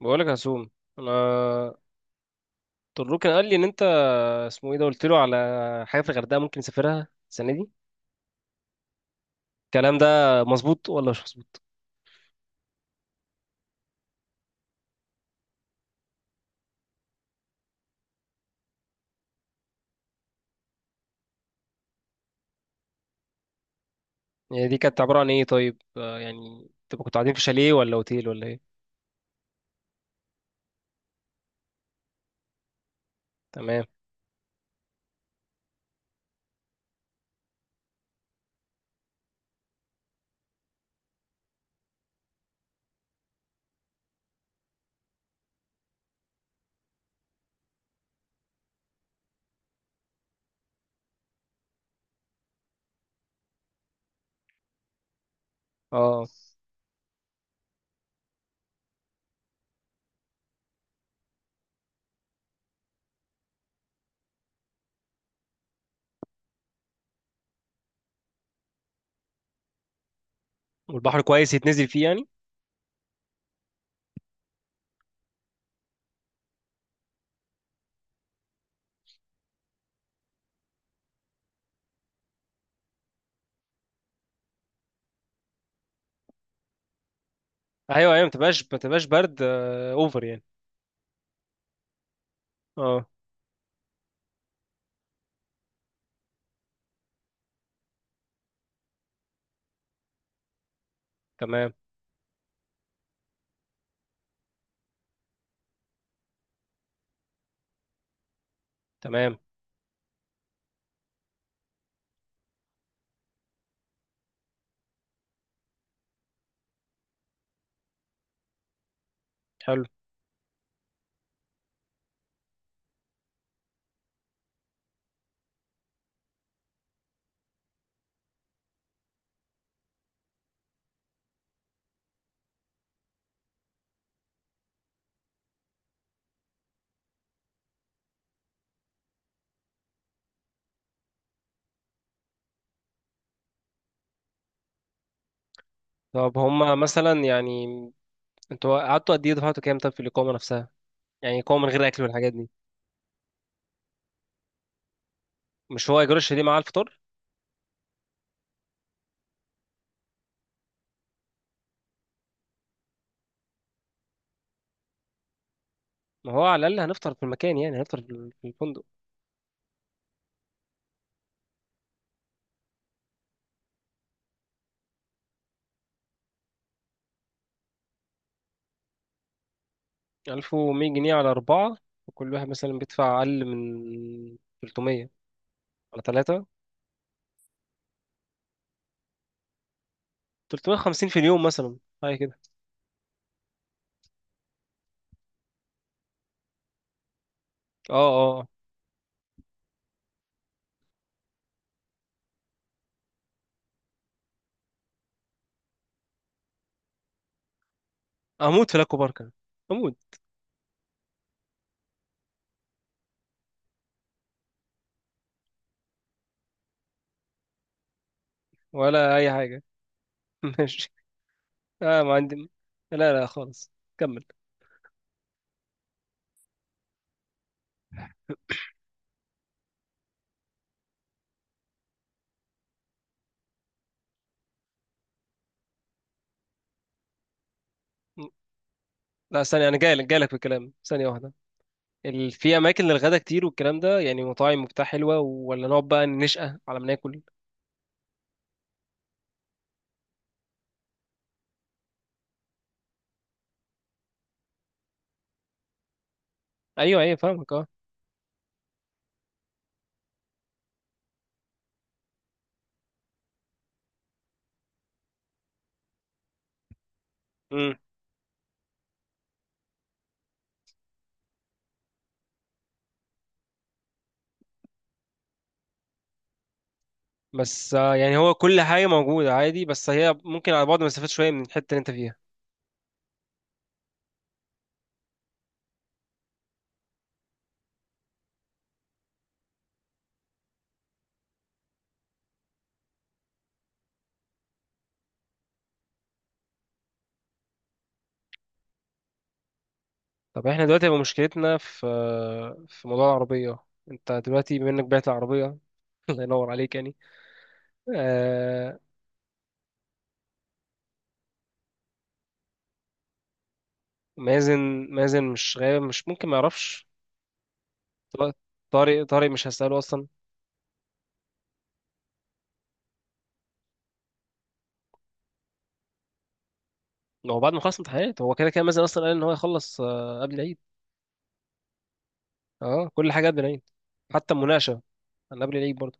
بقولك يا هسوم، انا طروق كان قال لي ان انت اسمه ايه ده، قلت له على حاجه في الغردقه ممكن نسافرها السنه دي. الكلام ده مظبوط ولا مش مظبوط؟ يعني دي كانت عباره عن ايه طيب؟ يعني تبقى كنتوا قاعدين في شاليه ولا اوتيل ولا ايه؟ تمام. اه، والبحر كويس يتنزل فيه يعني؟ ايوه ايوه، ما تبقاش ما تبقاش برد، اوفر يعني. اه. تمام تمام. حلو. طب هما مثلا يعني، انتوا قعدتوا قد ايه دفعتوا كام طب في الاقامه نفسها؟ يعني اقامه من غير اكل والحاجات دي؟ مش هو ايجار الشاليه مع الفطار؟ ما هو على الأقل هنفطر في المكان، يعني هنفطر في الفندق. 1100 جنيه على أربعة، وكل واحد مثلا بيدفع أقل من 300، على ثلاثة. 350 في اليوم مثلا، حاجة كده. اه اه. آه. أموت في لاكو باركا، أموت. ولا أي حاجة. ماشي. اه، ما عندي. لا لا خالص. كمل. لا، ثانية، أنا جاي لك، جاي لك في الكلام، ثانية واحدة. في أماكن للغدا كتير والكلام ده، يعني مطاعم وبتاع حلوة، ولا نقعد بقى نشقى على ما ناكل؟ أيوه أيوه، فاهمك، اه. بس، يعني هو كل حاجة موجودة عادي، بس هي ممكن على بعد مسافات شوية من الحتة اللي انت فيها. طب احنا دلوقتي هيبقى مشكلتنا في موضوع العربية. انت دلوقتي بما انك بعت العربية، الله ينور عليك يعني. آه. مازن مازن مش غايب، مش ممكن ما يعرفش. طارق، طارق مش هسأله أصلا. هو بعد ما خلص امتحانات، هو كده كده مازن أصلا قال إن هو يخلص قبل العيد. اه، كل حاجة قبل العيد. حتى المناقشة. أنا قبل العيد برضه.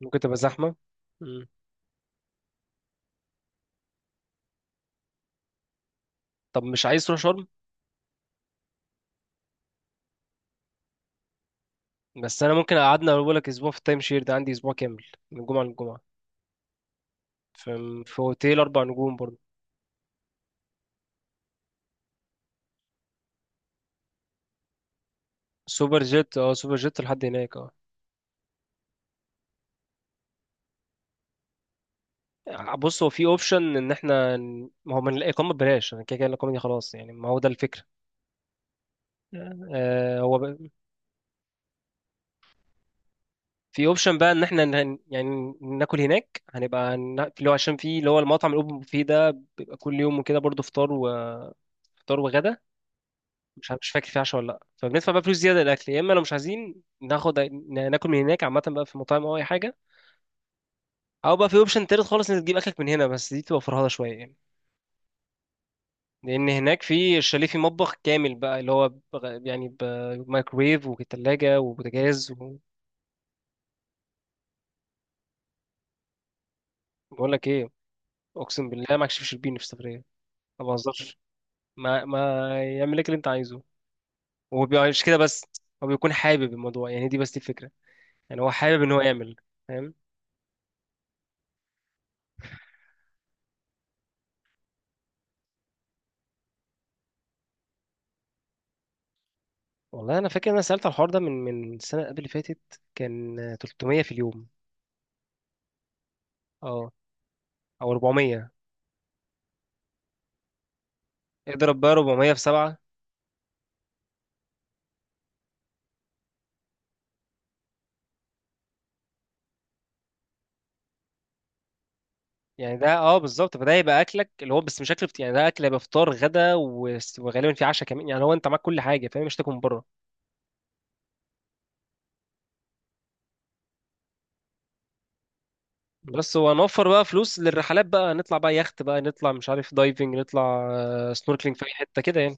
ممكن تبقى زحمة. مم. طب مش عايز تروح شرم؟ بس انا ممكن اقعدنا، اقول لك اسبوع في التايم شير ده، عندي اسبوع كامل من جمعه للجمعه، في اوتيل اربع نجوم برضه. سوبر جيت، اه، سوبر جيت لحد هناك، اه. بص، هو في اوبشن ان احنا ما هو من الاقامه ببلاش، انا كده كده الاقامه دي خلاص يعني، ما هو ده الفكره. آه هو ب... في اوبشن بقى ان احنا يعني ناكل هناك، هنبقى اللي هو عشان في اللي هو المطعم الاوبن بوفيه ده. بيبقى كل يوم وكده برضه، فطار وفطار وغدا. مش فاكر في عشاء ولا لا، فبندفع بقى فلوس زياده للاكل، يا اما لو مش عايزين ناخد، ناكل من هناك عامه بقى في مطاعم او اي حاجه. او بقى في اوبشن تالت خالص، انك تجيب اكلك من هنا، بس دي تبقى فرهده شويه يعني. لان هناك في الشاليه في مطبخ كامل بقى، اللي هو يعني بمايكرويف وثلاجه وبوتاجاز و-. بقول لك ايه، اقسم بالله ما اكشفش البين في السفريه. ما بهزرش. ما يعمل لك اللي انت عايزه. ومش كده بس، هو بيكون حابب الموضوع يعني. دي بس دي الفكره، يعني هو حابب ان هو يعمل، فاهم. والله انا فاكر ان انا سالت على الحوار ده من، السنه قبل اللي فاتت، كان 300 في اليوم. اه، او 400. اضرب بقى 400 في 7. يعني ده اه بالظبط. فده يبقى اكلك اللي هو بس، مش اكل فطير، يعني ده اكل هيبقى فطار غدا وغالبا في عشاء كمان، يعني هو انت معاك كل حاجه، فاهم، مش تاكل من بره. بس هو نوفر بقى فلوس للرحلات، بقى نطلع بقى يخت، بقى نطلع مش عارف دايفنج، نطلع سنوركلينج في اي حته كده.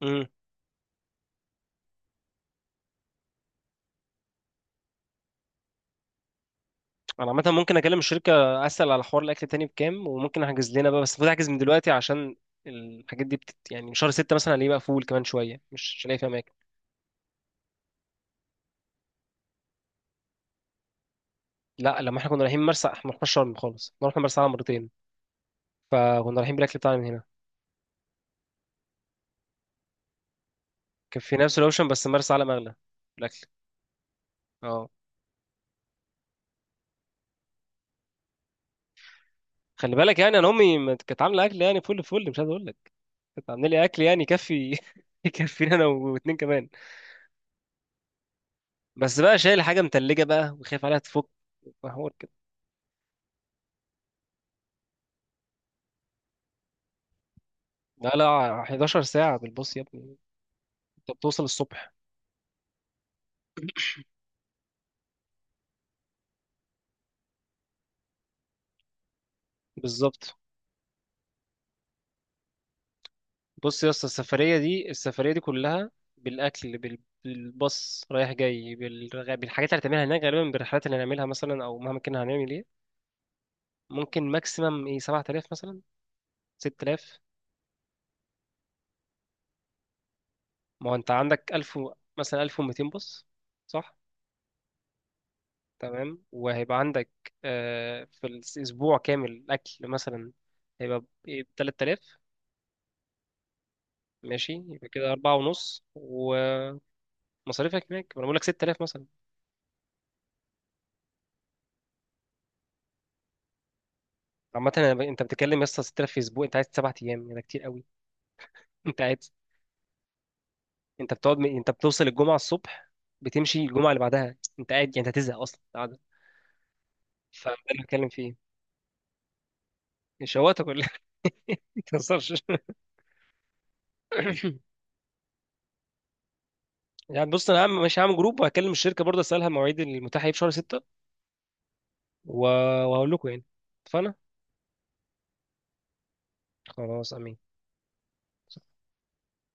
يعني انا عامه ممكن اكلم الشركه، اسال على حوار الاكل تاني بكام، وممكن احجز لنا بقى. بس المفروض احجز من دلوقتي عشان الحاجات دي يعني شهر 6 مثلا هنلاقيه بقى فول، كمان شويه مش هنلاقي فيه اماكن. لا، لما احنا كنا رايحين مرسى، احنا ما رحناش شرم خالص، احنا رحنا مرسى علم مرتين. فكنا رايحين بالاكل بتاعنا من هنا. كان في نفس الاوبشن، بس مرسى علم اغلى، الاكل. اه. خلي بالك يعني، انا امي ما كانت عامله اكل يعني، فل فل، مش عايز اقول لك. كانت عامله لي اكل يعني يكفي، يكفينا انا واتنين كمان. بس بقى شايل حاجه متلجه بقى وخايف عليها تفك، حوار. لا لا، 11 ساعة بالبص يا ابني. انت بتوصل الصبح. بالظبط. بص يا اسطى، السفرية دي كلها بالأكل، بالباص رايح جاي، بالحاجات اللي هتعملها هناك، غالبا بالرحلات اللي هنعملها مثلا، أو مهما كنا هنعمل ايه. ممكن ماكسيمم ايه، 7000 مثلا، 6000. ما هو انت عندك 1000، مثلا 1200 باص، صح؟ تمام، وهيبقى عندك في الأسبوع كامل أكل مثلا، هيبقى ب 3000. ماشي، يبقى كده أربعة ونص، و مصاريفك هناك انا بقول لك 6000 مثلا. عامه أنا انت بتتكلم يا اسطى 6000 في اسبوع، انت قاعد 7 ايام يعني، ده كتير قوي. انت قاعد. انت بتوصل الجمعه الصبح، بتمشي الجمعه اللي بعدها، انت قاعد يعني، انت هتزهق اصلا قاعده. فده اللي بتكلم فيه. شواطه كلها. ما تهزرش. يعني بص، انا هعمل، مش هعمل جروب، وهكلم الشركه برضه اسالها المواعيد المتاحه ايه في شهر 6. و... وهقول لكم يعني. اتفقنا. خلاص. امين.